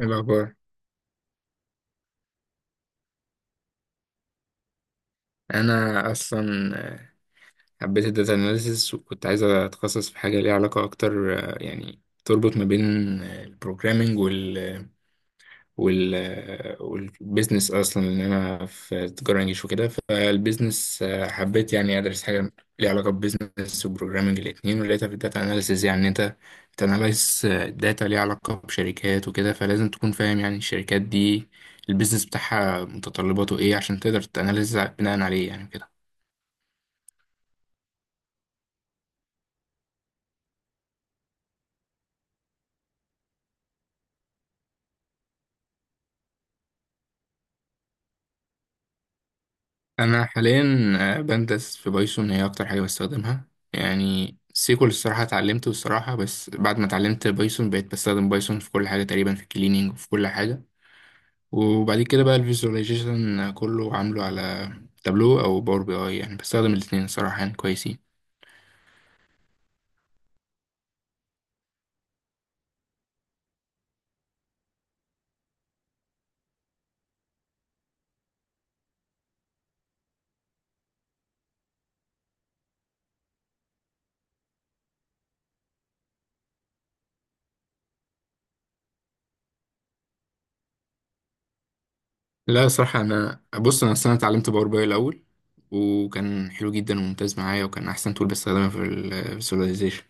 إيه الأخبار؟ أنا أصلا حبيت الداتا أناليسيس وكنت عايز أتخصص في حاجة ليها علاقة أكتر، يعني تربط ما بين البروجرامينج وال والبيزنس أصلا، لأن أنا في تجارة إنجليش وكده. فالبيزنس حبيت يعني أدرس حاجة ليها علاقة ببيزنس وبروجرامينج الاتنين، ولقيتها في الداتا أناليسيس. يعني إن أنت بتناليز داتا ليها علاقة بشركات وكده، فلازم تكون فاهم يعني الشركات دي البيزنس بتاعها متطلباته ايه عشان تقدر تاناليز بناء عليه يعني. انا حاليا بندرس في بايثون، هي اكتر حاجه بستخدمها. يعني سيكول الصراحه اتعلمته الصراحه، بس بعد ما اتعلمت بايثون بقيت بستخدم بايثون في كل حاجه تقريبا، في الكليننج وفي كل حاجه. وبعد كده بقى الفيزواليزيشن كله عامله على تابلو او باور بي اي، يعني بستخدم الاثنين الصراحه يعني كويسين. لا صراحة، أنا بص، أنا أصل أنا اتعلمت باور باي الأول، وكان حلو جدا وممتاز معايا، وكان أحسن تول بستخدمها في الفيزواليزيشن.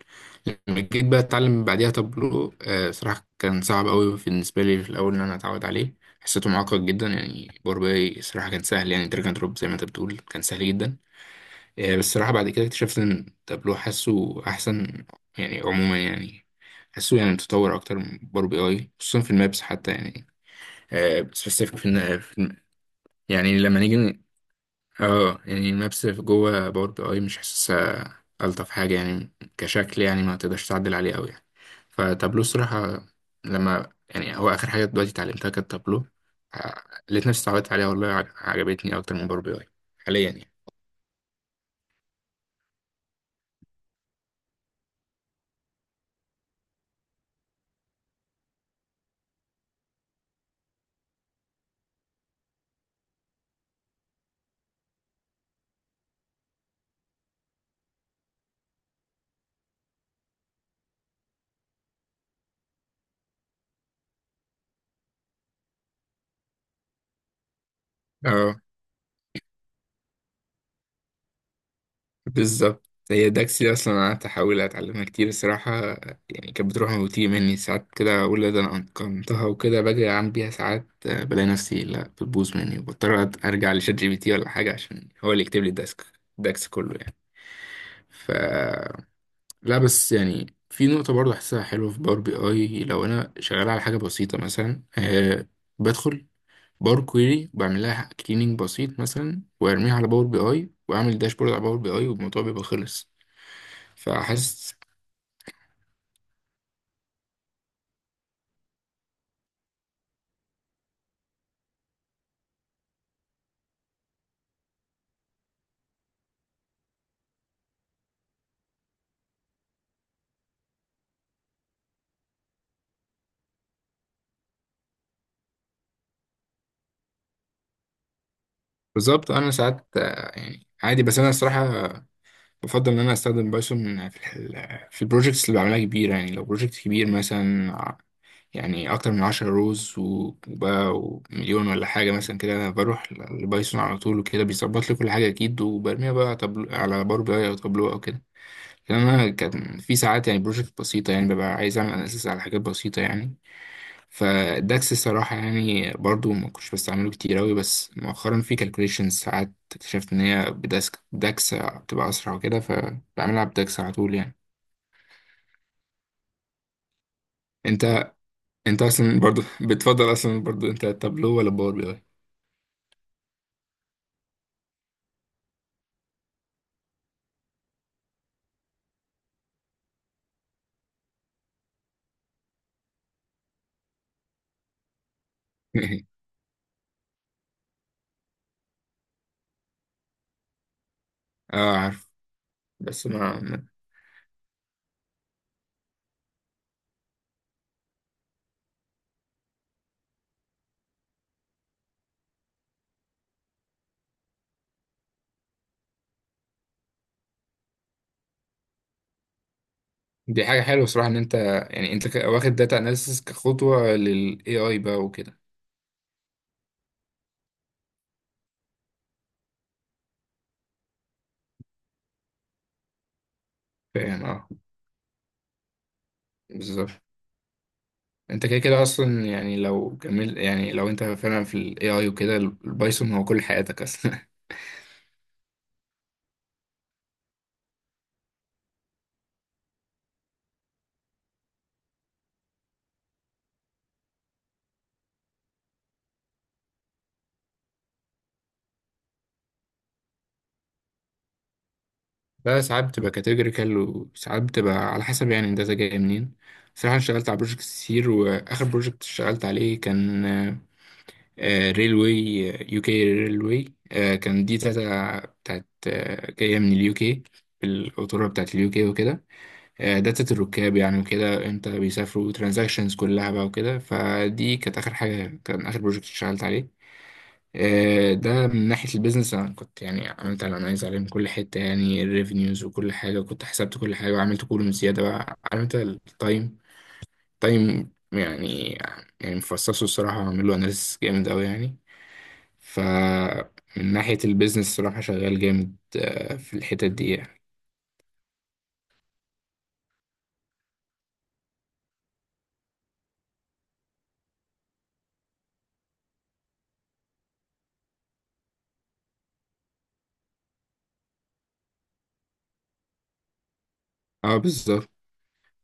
لما جيت بقى أتعلم بعديها تابلو، صراحة كان صعب أوي بالنسبة لي في الأول إن أنا أتعود عليه. حسيته معقد جدا، يعني باور باي صراحة كان سهل، يعني دراج أند دروب زي ما أنت بتقول كان سهل جدا. بس صراحة بعد كده اكتشفت إن تابلو حاسه أحسن، يعني عموما يعني. حاسه يعني متطور أكتر من باور بي أي، خصوصا في المابس حتى يعني سبيسيفيك في، يعني لما نيجي اه، يعني المابس في جوه باور بي اي مش حاسسها الطف حاجه يعني، كشكل يعني ما تقدرش تعدل عليه قوي يعني. فتابلو الصراحه، لما يعني هو اخر حاجه دلوقتي اتعلمتها كانت تابلو، آه، لقيت نفسي اتعودت عليها والله، عجبتني اكتر من باور بي اي حاليا يعني. اه بالظبط، هي داكسي اصلا انا قعدت احاول اتعلمها كتير الصراحه، يعني كانت بتروح يعني وتيجي مني ساعات كده، اقول لا ده انا اتقنتها وكده، باجي اعمل بيها ساعات، بلاقي نفسي لا بتبوظ مني، وبضطر ارجع لشات جي بي تي ولا حاجه عشان هو اللي يكتب لي الداكس كله يعني. ف لا بس يعني في نقطه برضه احسها حلوه في باور بي اي، لو انا شغال على حاجه بسيطه مثلا، بدخل باور كويري، بعمل لها كليننج بسيط مثلا، وارميها على باور بي اي، واعمل داشبورد على باور بي اي، والموضوع بيبقى خلص. فحاسس بالظبط. انا ساعات يعني عادي، بس انا الصراحه بفضل ان انا استخدم بايثون في ال في البروجكتس اللي بعملها كبيره. يعني لو بروجكت كبير مثلا يعني اكتر من 10 روز وبقى ومليون ولا حاجه مثلا كده، انا بروح لبايثون على طول، وكده بيظبط لي كل حاجه اكيد، وبرميها بقى طبل على باور بي اي او تابلو او كده. لان انا كان في ساعات يعني بروجكت بسيطه، يعني ببقى عايز اعمل اناليسيس على حاجات بسيطه يعني. فالداكس الصراحة يعني برضو ما كنتش بستعمله كتير أوي، بس مؤخرا في كالكوليشنز ساعات اكتشفت إن هي بداسك داكس بتبقى أسرع وكده، فبعملها بداكس على طول يعني. أنت، أنت أصلا برضو بتفضل أصلا برضو أنت تابلو ولا باور بي أي؟ أه عارف، بس ما ما- دي حاجة حلوة صراحة إن أنت، يعني أنت واخد داتا أناليسيس كخطوة لل AI بقى وكده. فاهم أه بالظبط. انت كده كده اصلا، يعني لو كمل، يعني لو انت فعلا في الاي اي وكده، البايثون هو كل حياتك اصلا بقى ساعات بتبقى كاتيجوريكال، وساعات بتبقى على حسب، يعني الداتا جايه منين. صراحة أنا اشتغلت على بروجكتس كتير، وآخر بروجكت اشتغلت عليه كان ريلوي، يو كي ريلوي. كان دي داتا بتاعت جاية من اليو كي، القطورة بتاعت اليو كي وكده. داتا الركاب يعني وكده، امتى بيسافروا، ترانزاكشنز كلها بقى وكده. فدي كانت اخر حاجه، كان اخر بروجكت اشتغلت عليه. ده من ناحيه البيزنس، انا كنت يعني عملت الانايز عليه من كل حته، يعني الريفينيوز وكل حاجه كنت حسبت كل حاجه، وعملت كولوم زياده بقى، عملت التايم تايم يعني مفصصه الصراحه، وعامل له اناليسيس جامد قوي يعني. ف من ناحيه البيزنس الصراحه شغال جامد في الحتت دي يعني. اه بالظبط.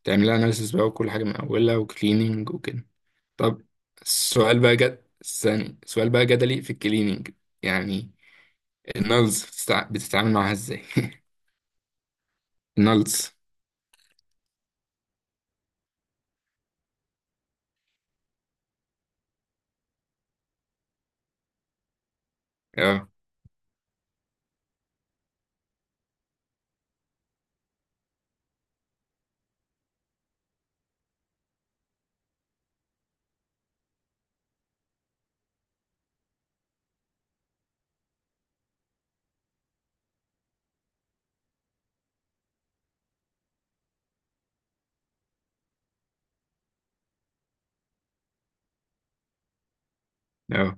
تعملها اناليسيس بقى وكل حاجه من اولها وكليننج وكده. طب السؤال بقى ثاني سؤال بقى جدلي في الكليننج، يعني النلز بتتعامل معاها ازاي؟ النلز. اه اه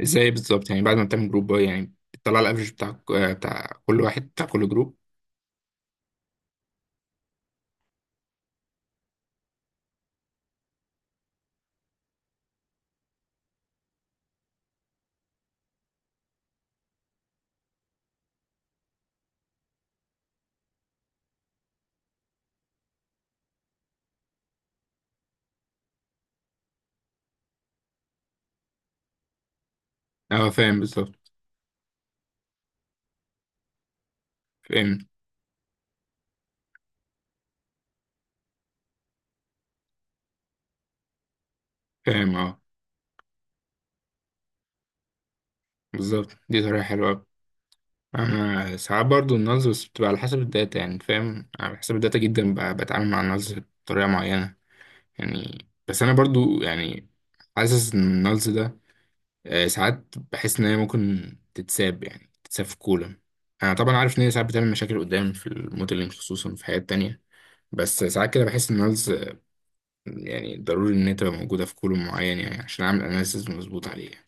ازاي بالظبط، يعني بعد ما بتعمل جروب بقى يعني بتطلع الافرج بتاع بتاع كل واحد بتاع كل جروب؟ اه فاهم بالظبط. فاهم فاهم اه بالظبط، دي طريقة حلوة أوي. انا ساعات برضو النلز، بس بتبقى على حسب الداتا يعني، فاهم على حسب الداتا جدا بتعامل مع النلز بطريقة معينة يعني. بس انا برضو يعني حاسس ان النلز ده ساعات بحس ان هي ممكن تتساب، يعني تتساب في كولا. انا طبعا عارف ان هي ساعات بتعمل مشاكل قدام في الموديلنج، خصوصا في حاجات تانية، بس ساعات كده بحس ان الناس يعني ضروري ان هي تبقى موجوده في كولوم معين، يعني عشان اعمل اناليسيز مظبوط عليه يعني.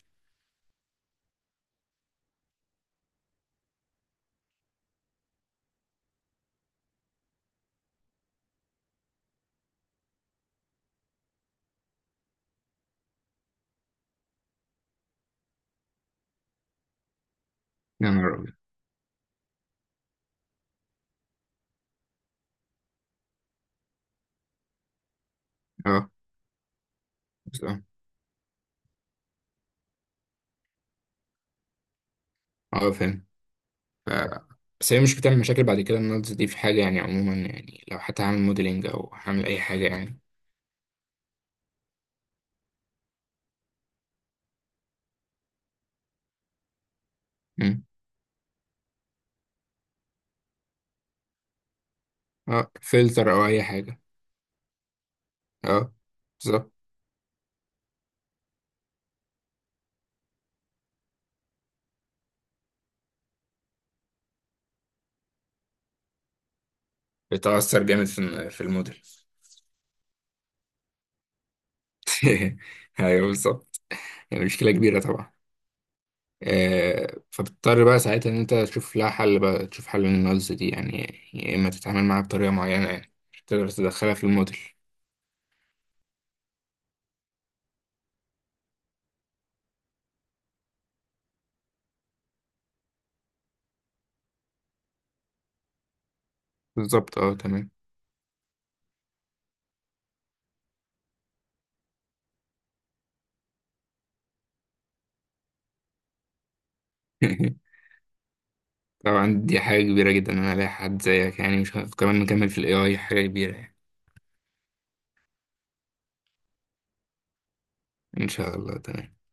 يا نهار ابيض. اه بس اه، اه فاهم. ف... بس هي مش بتعمل مشاكل بعد كده النالز دي في حاجه يعني عموما، يعني لو حتى هعمل موديلنج او هعمل اي حاجه يعني؟ مم. اه، فلتر او اي حاجه. اه بالظبط. بتأثر جامد في الموديل. ايوه بالظبط، يعني مشكله كبيره طبعا. فبتضطر بقى ساعتها ان انت تشوف لها حل بقى، تشوف حل للنقص دي يعني، يا اما تتعامل معاها بطريقه معينه يعني مش تقدر تدخلها في الموديل. بالظبط اه تمام. طبعا دي حاجه كبيره جدا ان انا الاقي حد زيك، يعني مش كمان نكمل في الاي اي حاجه كبيره يعني. ان شاء الله تمام.